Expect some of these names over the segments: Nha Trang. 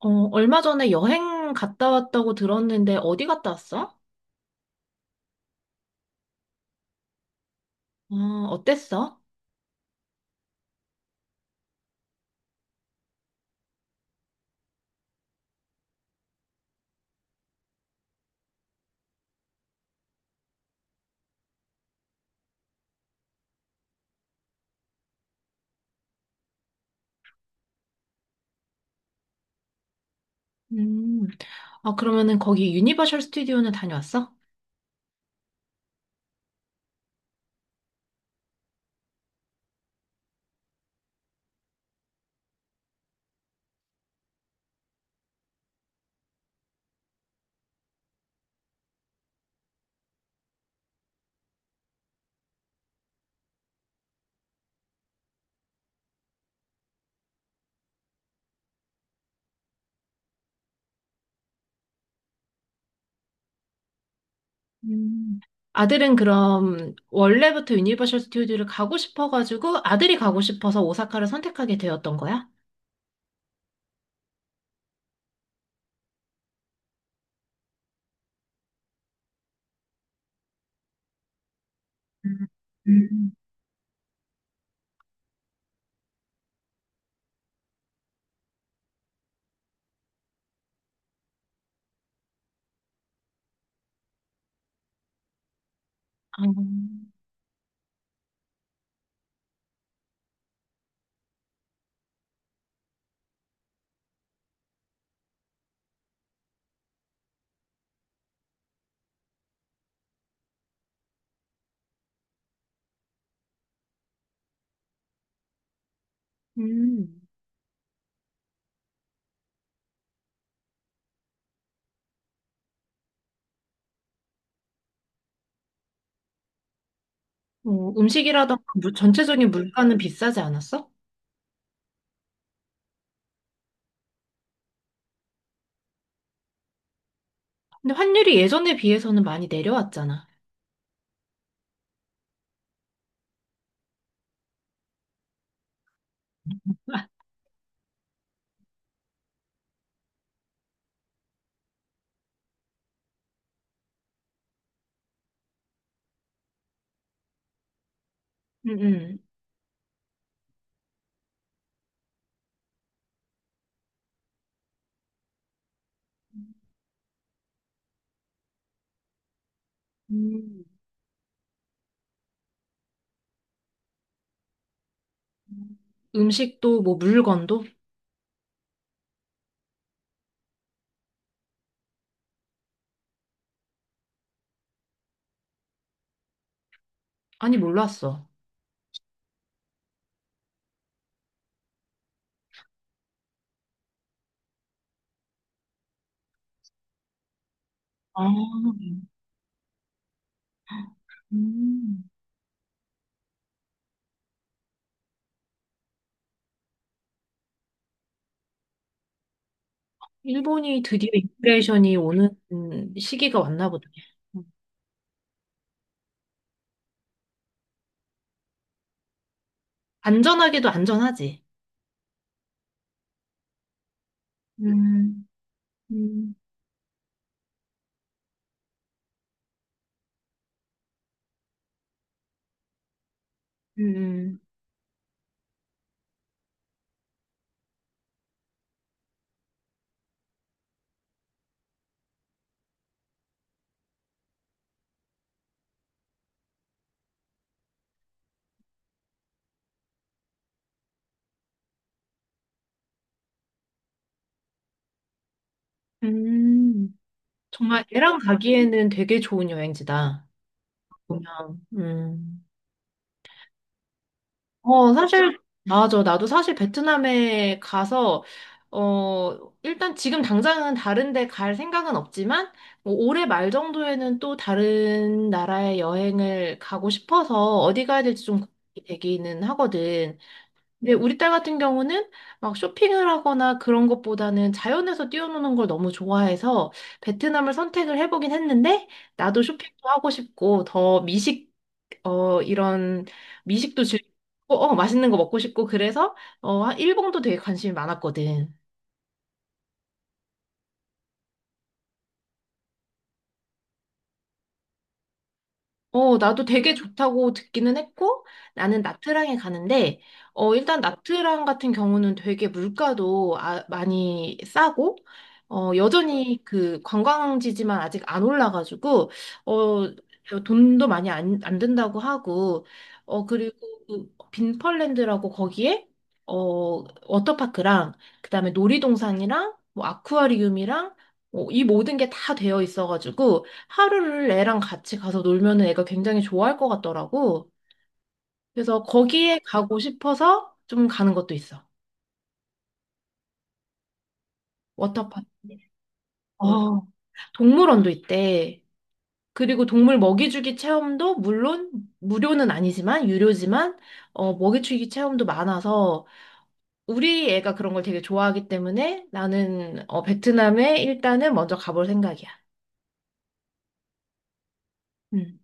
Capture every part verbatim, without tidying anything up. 어, 얼마 전에 여행 갔다 왔다고 들었는데 어디 갔다 왔어? 어, 어땠어? 음. 아, 그러면은 거기 유니버셜 스튜디오는 다녀왔어? 음. 아들은 그럼 원래부터 유니버셜 스튜디오를 가고 싶어가지고 아들이 가고 싶어서 오사카를 선택하게 되었던 거야? 음. 음. 아, 음. 어, 음식이라던가 물- 전체적인 물가는 비싸지 않았어? 근데 환율이 예전에 비해서는 많이 내려왔잖아. 음, 음. 음. 음식도 뭐 물건도? 아니, 몰랐어. 아, 음. 일본이 드디어 인플레이션이 오는 시기가 왔나 보다. 안전하게도 안전하지. 음, 음, 음, 음. 정말 애랑 가기에는 되게 좋은 여행지다. 보면. 음. 어, 사실, 맞아. 나도 사실 베트남에 가서, 어, 일단 지금 당장은 다른 데 갈 생각은 없지만, 뭐 올해 말 정도에는 또 다른 나라에 여행을 가고 싶어서 어디 가야 될지 좀 고민이 되기는 하거든. 근데 우리 딸 같은 경우는 막 쇼핑을 하거나 그런 것보다는 자연에서 뛰어노는 걸 너무 좋아해서 베트남을 선택을 해보긴 했는데 나도 쇼핑도 하고 싶고 더 미식 어 이런 미식도 즐기고 어 맛있는 거 먹고 싶고 그래서 어 일본도 되게 관심이 많았거든. 어, 나도 되게 좋다고 듣기는 했고, 나는 나트랑에 가는데, 어, 일단 나트랑 같은 경우는 되게 물가도 아, 많이 싸고, 어, 여전히 그 관광지지만 아직 안 올라가지고, 어, 돈도 많이 안, 안 든다고 하고, 어, 그리고 그 빈펄랜드라고 거기에, 어, 워터파크랑, 그다음에 놀이동산이랑, 뭐, 아쿠아리움이랑, 어, 이 모든 게 다 되어 있어가지고, 하루를 애랑 같이 가서 놀면은 애가 굉장히 좋아할 것 같더라고. 그래서 거기에 가고 싶어서 좀 가는 것도 있어. 워터파크. 어, 동물원도 있대. 그리고 동물 먹이주기 체험도 물론 무료는 아니지만 유료지만 어, 먹이주기 체험도 많아서 우리 애가 그런 걸 되게 좋아하기 때문에 나는 어, 베트남에 일단은 먼저 가볼 생각이야. 음.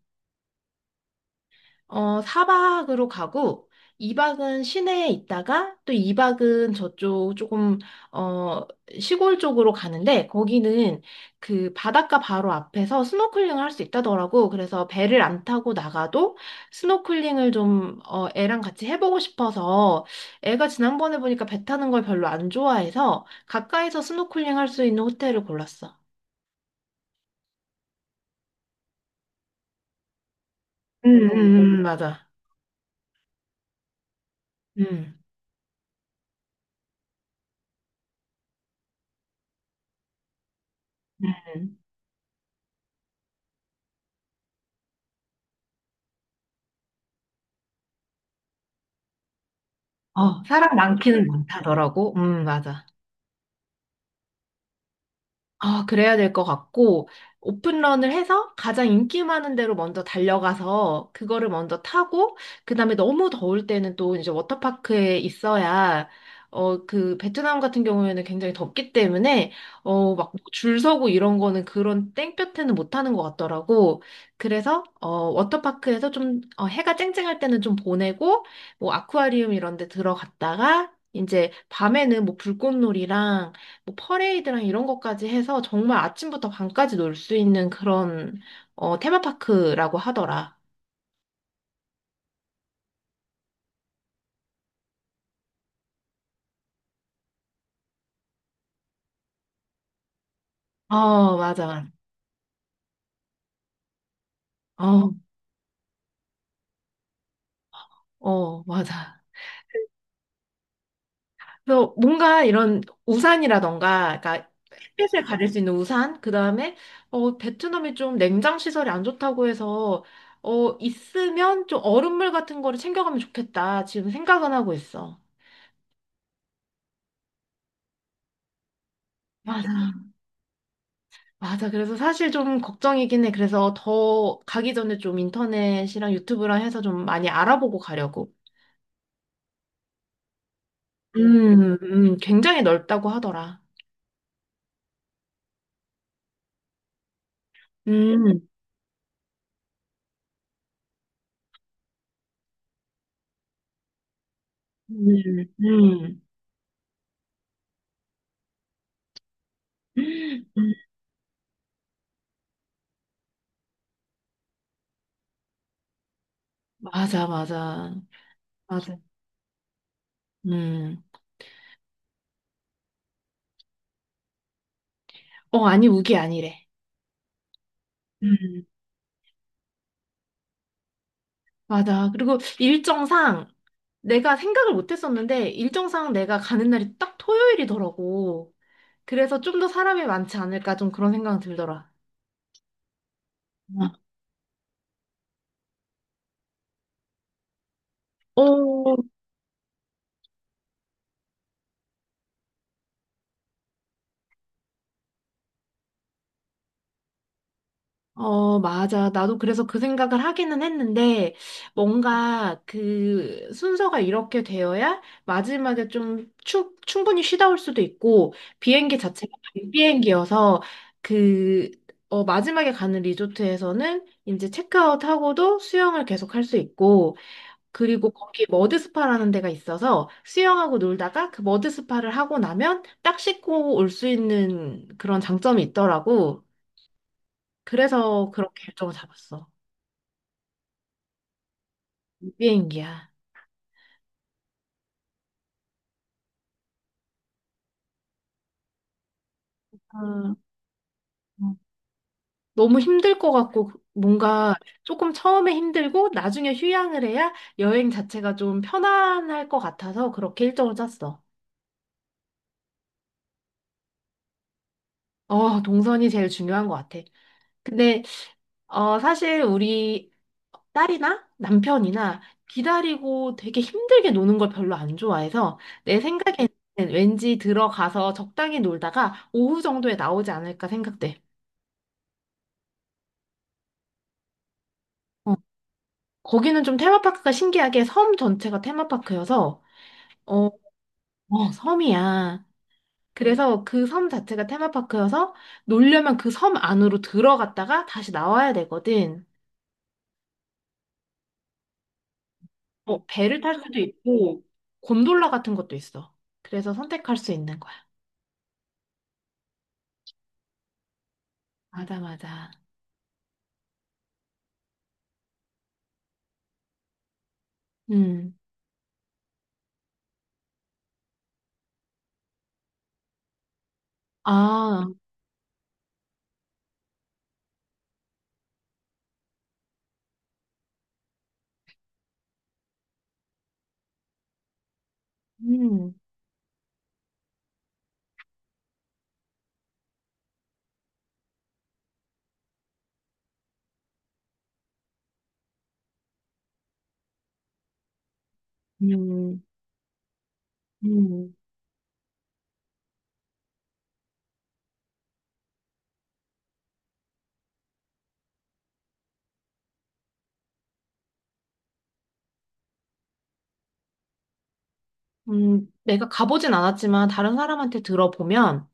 어, 사 박으로 가고 이 박은 시내에 있다가 또 이 박은 저쪽 조금 어, 시골 쪽으로 가는데 거기는 그 바닷가 바로 앞에서 스노클링을 할 수 있다더라고. 그래서 배를 안 타고 나가도 스노클링을 좀 어, 애랑 같이 해보고 싶어서 애가 지난번에 보니까 배 타는 걸 별로 안 좋아해서 가까이서 스노클링 할 수 있는 호텔을 골랐어. 음, 음, 음, 맞아. 응 음. 음. 어, 사람 많기는 많다더라고. 음, 맞아. 아, 그래야 될 것 같고, 오픈런을 해서 가장 인기 많은 데로 먼저 달려가서 그거를 먼저 타고, 그 다음에 너무 더울 때는 또 이제 워터파크에 있어야, 어, 그 베트남 같은 경우에는 굉장히 덥기 때문에, 어, 막 뭐 줄 서고 이런 거는 그런 땡볕에는 못 하는 것 같더라고. 그래서, 어, 워터파크에서 좀, 어, 해가 쨍쨍할 때는 좀 보내고, 뭐 아쿠아리움 이런 데 들어갔다가, 이제 밤에는 뭐 불꽃놀이랑 뭐 퍼레이드랑 이런 것까지 해서 정말 아침부터 밤까지 놀 수 있는 그런 어, 테마파크라고 하더라. 어, 맞아. 어, 어, 맞아. 그래서 뭔가 이런 우산이라던가, 그러니까 햇빛을 가릴 수 있는 우산, 그 다음에 어, 베트남이 좀 냉장 시설이 안 좋다고 해서 어, 있으면 좀 얼음물 같은 거를 챙겨가면 좋겠다. 지금 생각은 하고 있어. 맞아. 맞아. 그래서 사실 좀 걱정이긴 해. 그래서 더 가기 전에 좀 인터넷이랑 유튜브랑 해서 좀 많이 알아보고 가려고. 음, 음, 굉장히 넓다고 하더라. 음, 음, 음. 맞아, 맞아. 맞아. 음. 어, 아니, 우기 아니래. 음. 맞아. 그리고 일정상 내가 생각을 못 했었는데 일정상 내가 가는 날이 딱 토요일이더라고. 그래서 좀 더 사람이 많지 않을까 좀 그런 생각 들더라. 어, 어, 맞아. 나도 그래서 그 생각을 하기는 했는데, 뭔가 그 순서가 이렇게 되어야 마지막에 좀 추, 충분히 쉬다 올 수도 있고, 비행기 자체가 밤 비행기여서, 그, 어, 마지막에 가는 리조트에서는 이제 체크아웃하고도 수영을 계속 할 수 있고, 그리고 거기 머드스파라는 데가 있어서 수영하고 놀다가 그 머드스파를 하고 나면 딱 씻고 올 수 있는 그런 장점이 있더라고. 그래서 그렇게 일정을 잡았어. 비행기야. 아, 어. 너무 힘들 것 같고 그 뭔가 조금 처음에 힘들고 나중에 휴양을 해야 여행 자체가 좀 편안할 것 같아서 그렇게 일정을 짰어. 어, 동선이 제일 중요한 것 같아. 근데 어, 사실 우리 딸이나 남편이나 기다리고 되게 힘들게 노는 걸 별로 안 좋아해서 내 생각에는 왠지 들어가서 적당히 놀다가 오후 정도에 나오지 않을까 생각돼. 어. 거기는 좀 테마파크가 신기하게 섬 전체가 테마파크여서, 어, 어, 섬이야. 응. 그래서 그 섬 자체가 테마파크여서 놀려면 그 섬 안으로 들어갔다가 다시 나와야 되거든. 어 배를 탈 수도 있고, 곤돌라 같은 것도 있어. 그래서 선택할 수 있는 거야. 맞아, 맞아. 음. 아, 음, 음, 음, 음. 내가 가보진 않았지만 다른 사람한테 들어보면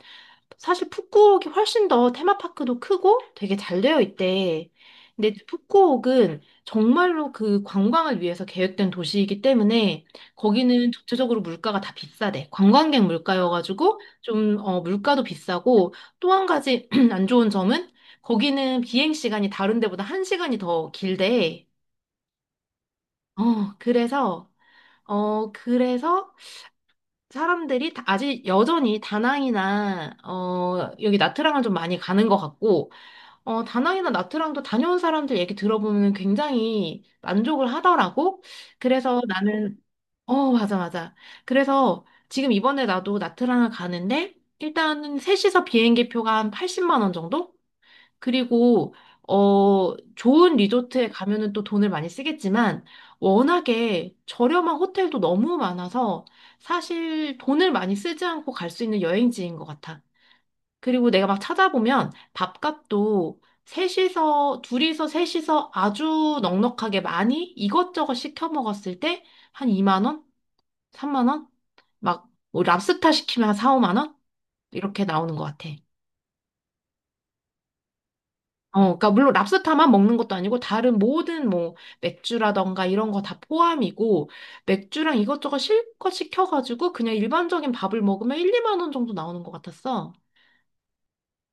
사실 푸꾸옥이 훨씬 더 테마파크도 크고 되게 잘 되어 있대. 근데 푸꾸옥은 정말로 그 관광을 위해서 계획된 도시이기 때문에 거기는 전체적으로 물가가 다 비싸대. 관광객 물가여가지고 좀 어, 물가도 비싸고 또 한 가지 안 좋은 점은 거기는 비행 시간이 다른 데보다 한 시간이 더 길대. 어, 그래서 어, 그래서 사람들이 다- 아직 여전히 다낭이나 어 여기 나트랑을 좀 많이 가는 것 같고 어, 다낭이나 나트랑도 다녀온 사람들 얘기 들어보면 굉장히 만족을 하더라고. 그래서 나는, 어, 맞아, 맞아. 그래서 지금 이번에 나도 나트랑을 가는데, 일단은 셋이서 비행기 표가 한 팔십만 원 정도? 그리고, 어, 좋은 리조트에 가면은 또 돈을 많이 쓰겠지만, 워낙에 저렴한 호텔도 너무 많아서, 사실 돈을 많이 쓰지 않고 갈 수 있는 여행지인 것 같아. 그리고 내가 막 찾아보면 밥값도 셋이서, 둘이서 셋이서 아주 넉넉하게 많이 이것저것 시켜 먹었을 때 한 이만 원? 삼만 원? 막, 뭐 랍스타 시키면 한 사, 오만 원? 이렇게 나오는 것 같아. 어, 그러니까 물론 랍스타만 먹는 것도 아니고 다른 모든 뭐 맥주라던가 이런 거 다 포함이고 맥주랑 이것저것 실컷 시켜가지고 그냥 일반적인 밥을 먹으면 일, 이만 원 정도 나오는 것 같았어.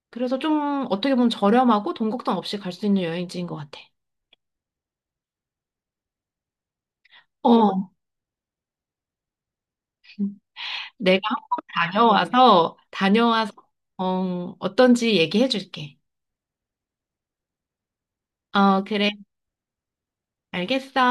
그래서 좀 어떻게 보면 저렴하고 돈 걱정 없이 갈 수 있는 여행지인 것 같아. 어, 어, 내가 한번 다녀와서, 다녀와서, 어, 어떤지 얘기해 줄게. 어, 그래. 알겠어.